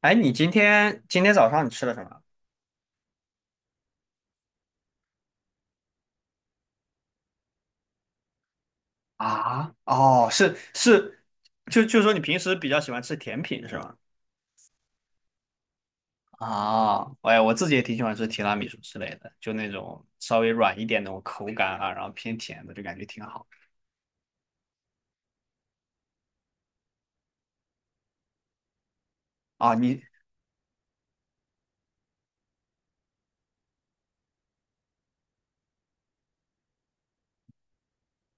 哎，你今天早上你吃了什么？啊哦，是是，就说你平时比较喜欢吃甜品是吗？啊，哎，我自己也挺喜欢吃提拉米苏之类的，就那种稍微软一点那种口感啊，然后偏甜的，就感觉挺好啊。你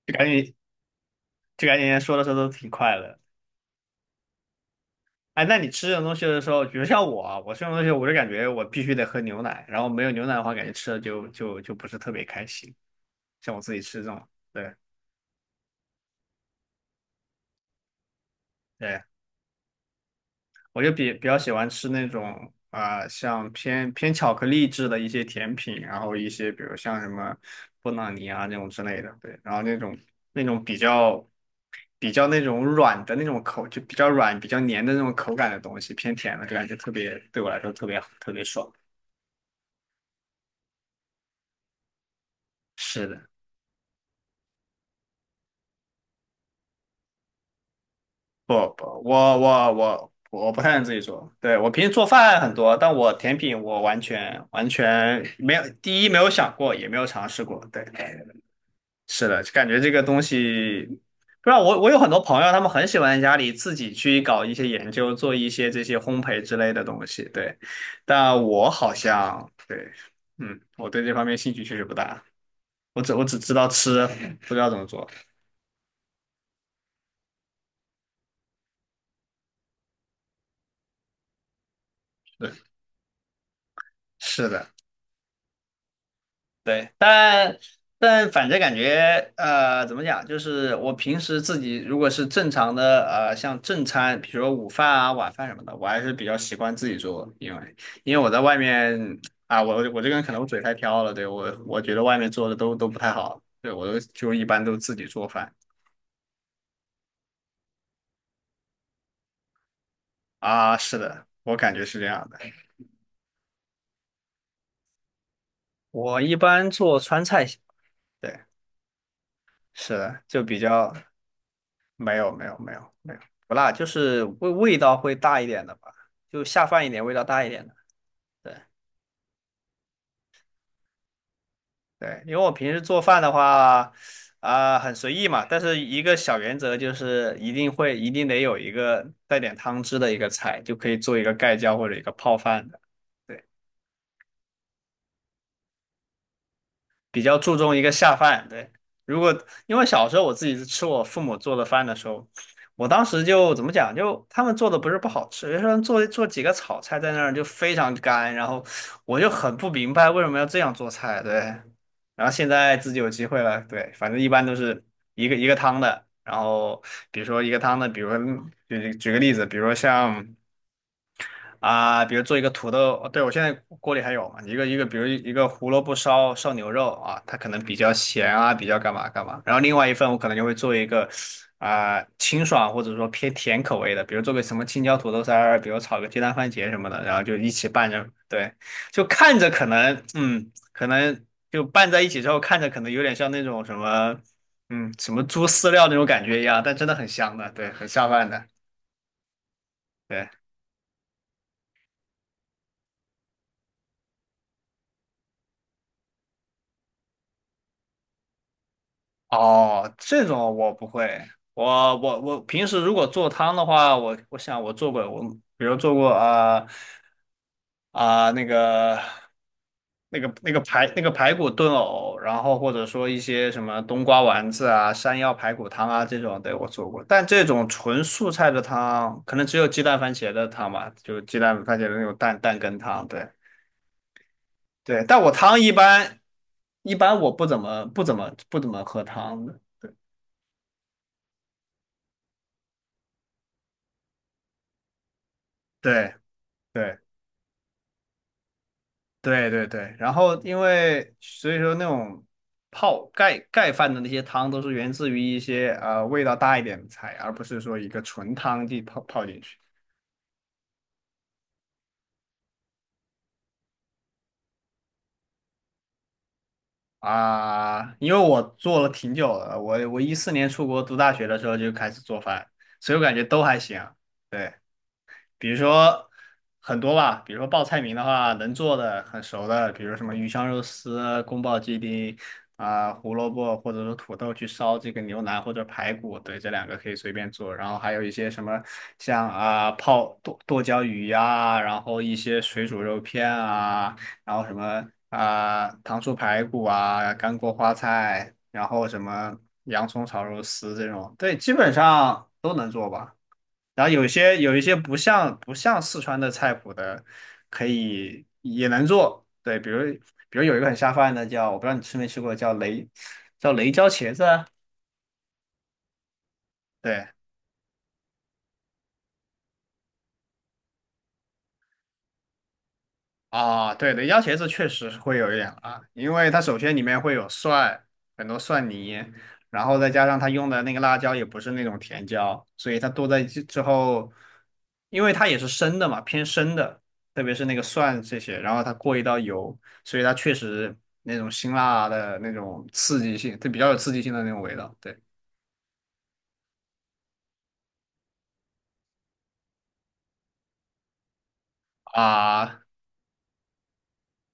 就感觉就感觉说的时候都挺快乐。哎，那你吃这种东西的时候，比如像我啊我吃这种东西，我就感觉我必须得喝牛奶，然后没有牛奶的话，感觉吃的就不是特别开心。像我自己吃这种，对对。我就比较喜欢吃那种啊、像偏巧克力制的一些甜品，然后一些比如像什么布朗尼啊那种之类的，对，然后那种比较那种软的那种口，就比较软、比较黏的那种口感的东西，偏甜的，就感觉特别对我来说特别特别爽。是的，不不，我不太能自己做，对，我平时做饭很多，但我甜品我完全完全没有，第一没有想过，也没有尝试过，对。是的，感觉这个东西，不知道我有很多朋友，他们很喜欢家里自己去搞一些研究，做一些这些烘焙之类的东西。对，但我好像对，嗯，我对这方面兴趣确实不大。我只知道吃，不知道怎么做。对，是的。对，但但反正感觉怎么讲，就是我平时自己如果是正常的像正餐，比如说午饭啊、晚饭什么的，我还是比较习惯自己做，因为因为我在外面啊，我这个人可能我嘴太挑了，对，我觉得外面做的都不太好，对，我都就一般都自己做饭啊，是的，我感觉是这样的，我一般做川菜，对，是的，就比较没有没有没有没有不辣，就是味道会大一点的吧，就下饭一点，味道大一点的。对对，因为我平时做饭的话，啊、很随意嘛，但是一个小原则就是一定会一定得有一个带点汤汁的一个菜，就可以做一个盖浇或者一个泡饭的。对。比较注重一个下饭。对，如果因为小时候我自己吃我父母做的饭的时候，我当时就怎么讲，就他们做的不是不好吃，有时候做几个炒菜在那儿就非常干，然后我就很不明白为什么要这样做菜。对，然后现在自己有机会了，对，反正一般都是一个一个汤的，然后比如说一个汤的，比如说嗯举个例子，比如说像。啊，比如做一个土豆，对，我现在锅里还有嘛，一个一个，比如一个胡萝卜烧牛肉啊，它可能比较咸啊，比较干嘛干嘛。然后另外一份我可能就会做一个啊、清爽或者说偏甜口味的，比如做个什么青椒土豆丝儿，比如炒个鸡蛋番茄什么的，然后就一起拌着，对，就看着可能嗯，可能就拌在一起之后，看着可能有点像那种什么嗯什么猪饲料那种感觉一样，但真的很香的，对，很下饭的。对。哦，这种我不会。我平时如果做汤的话，我想我做过，我比如做过啊啊、那个那个那个排那个排骨炖藕，然后或者说一些什么冬瓜丸子啊、山药排骨汤啊这种，对，我做过。但这种纯素菜的汤，可能只有鸡蛋番茄的汤吧，就鸡蛋番茄的那种蛋羹汤，对对。但我汤一般一般我不怎么喝汤的，对。对对对对，然后因为所以说那种泡盖饭的那些汤都是源自于一些味道大一点的菜，而不是说一个纯汤地泡进去啊。因为我做了挺久了，我2014年出国读大学的时候就开始做饭，所以我感觉都还行。对。比如说很多吧，比如说报菜名的话，能做的很熟的，比如什么鱼香肉丝啊、宫保鸡丁啊、胡萝卜或者说土豆去烧这个牛腩或者排骨，对，这两个可以随便做。然后还有一些什么像啊、泡剁椒鱼呀、然后一些水煮肉片啊，然后什么啊、糖醋排骨啊、干锅花菜，然后什么洋葱炒肉丝这种，对，基本上都能做吧。然后有些有一些不像四川的菜谱的，可以也能做。对，比如比如有一个很下饭的叫，我不知道你吃没吃过，叫雷椒茄子啊对，啊，对的，鸭茄子确实会有一点辣，因为它首先里面会有蒜，很多蒜泥，然后再加上它用的那个辣椒也不是那种甜椒，所以它剁在一起之后，因为它也是生的嘛，偏生的，特别是那个蒜这些，然后它过一道油，所以它确实那种辛辣的那种刺激性，它比较有刺激性的那种味道，对啊，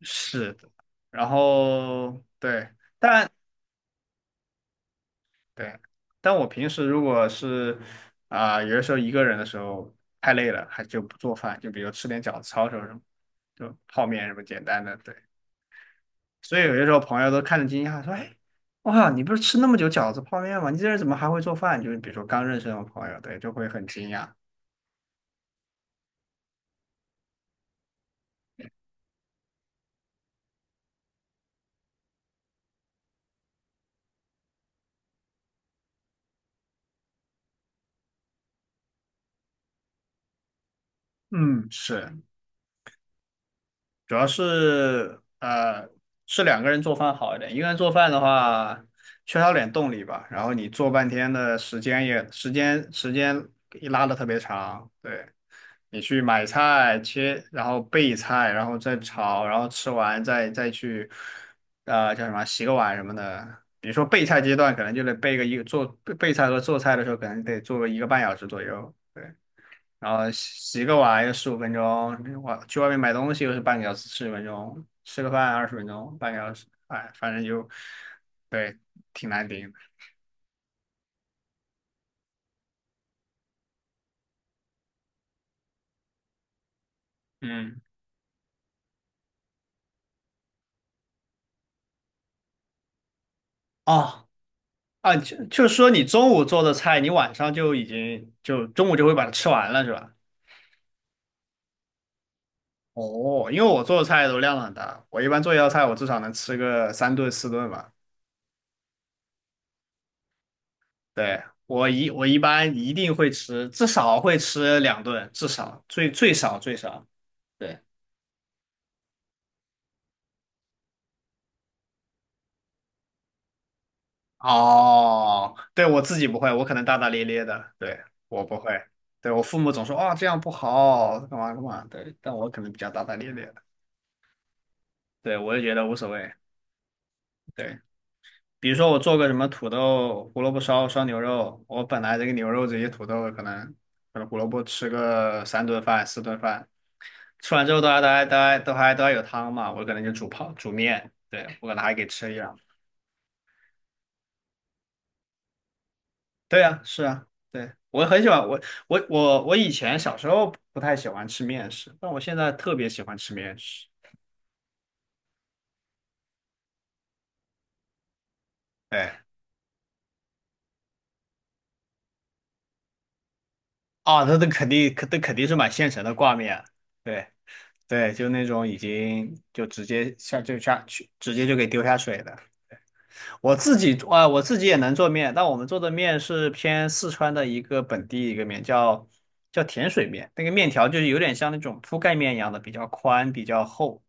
是的，然后对。但。对，但我平时如果是啊、有的时候一个人的时候太累了，还就不做饭，就比如吃点饺子、抄手什么，就泡面什么简单的。对，所以有些时候朋友都看着惊讶说：“哎，哇，你不是吃那么久饺子、泡面吗？你这人怎么还会做饭？”就是比如说刚认识那种朋友，对，就会很惊讶。嗯，是。主要是是两个人做饭好一点，一个人做饭的话缺少点动力吧，然后你做半天的时间也时间一拉的特别长，对你去买菜切，然后备菜，然后再炒，然后吃完再去叫什么洗个碗什么的。比如说备菜阶段，可能就得备个一个做备菜和做菜的时候，可能得做个一个半小时左右。对。然后洗个碗有15分钟，我去外面买东西又是半个小时，40分钟，吃个饭20分钟，半个小时，哎，反正就对，挺难顶的。嗯，哦，啊，就就是说你中午做的菜，你晚上就已经就中午就会把它吃完了，是吧？哦，因为我做的菜都量很大，我一般做一道菜，我至少能吃个3顿4顿吧。对，我一般一定会吃，至少会吃2顿，至少最少。对。哦，对，我自己不会，我可能大大咧咧的，对，我不会，对，我父母总说啊、这样不好，干嘛干嘛，对，但我可能比较大大咧咧的，对，我就觉得无所谓，对，比如说我做个什么土豆胡萝卜烧牛肉，我本来这个牛肉这些土豆可能胡萝卜吃个3顿饭4顿饭，吃完之后都还有汤嘛，我可能就煮面，对，我可能还给吃一两。对啊，是啊，对，我很喜欢我以前小时候不太喜欢吃面食，但我现在特别喜欢吃面食。对，啊，那肯定，那肯定是买现成的挂面。对对，就那种已经就直接下就下去，直接就给丢下水的。我自己啊，我自己也能做面，但我们做的面是偏四川的一个本地一个面，叫甜水面。那个面条就是有点像那种铺盖面一样的，比较宽，比较厚。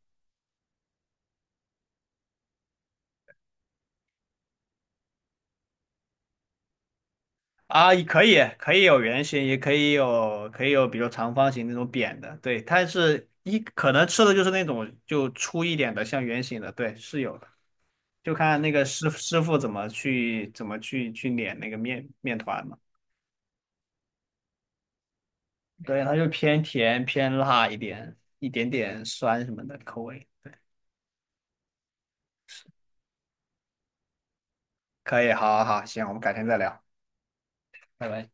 啊，也可以，可以有圆形，也可以有，可以有，比如长方形那种扁的，对，它是一可能吃的就是那种就粗一点的，像圆形的，对，是有的，就看那个师傅怎么去去碾那个面团嘛，对，它就偏甜偏辣一点，一点点酸什么的口味，可以，好好好，行，我们改天再聊，拜拜。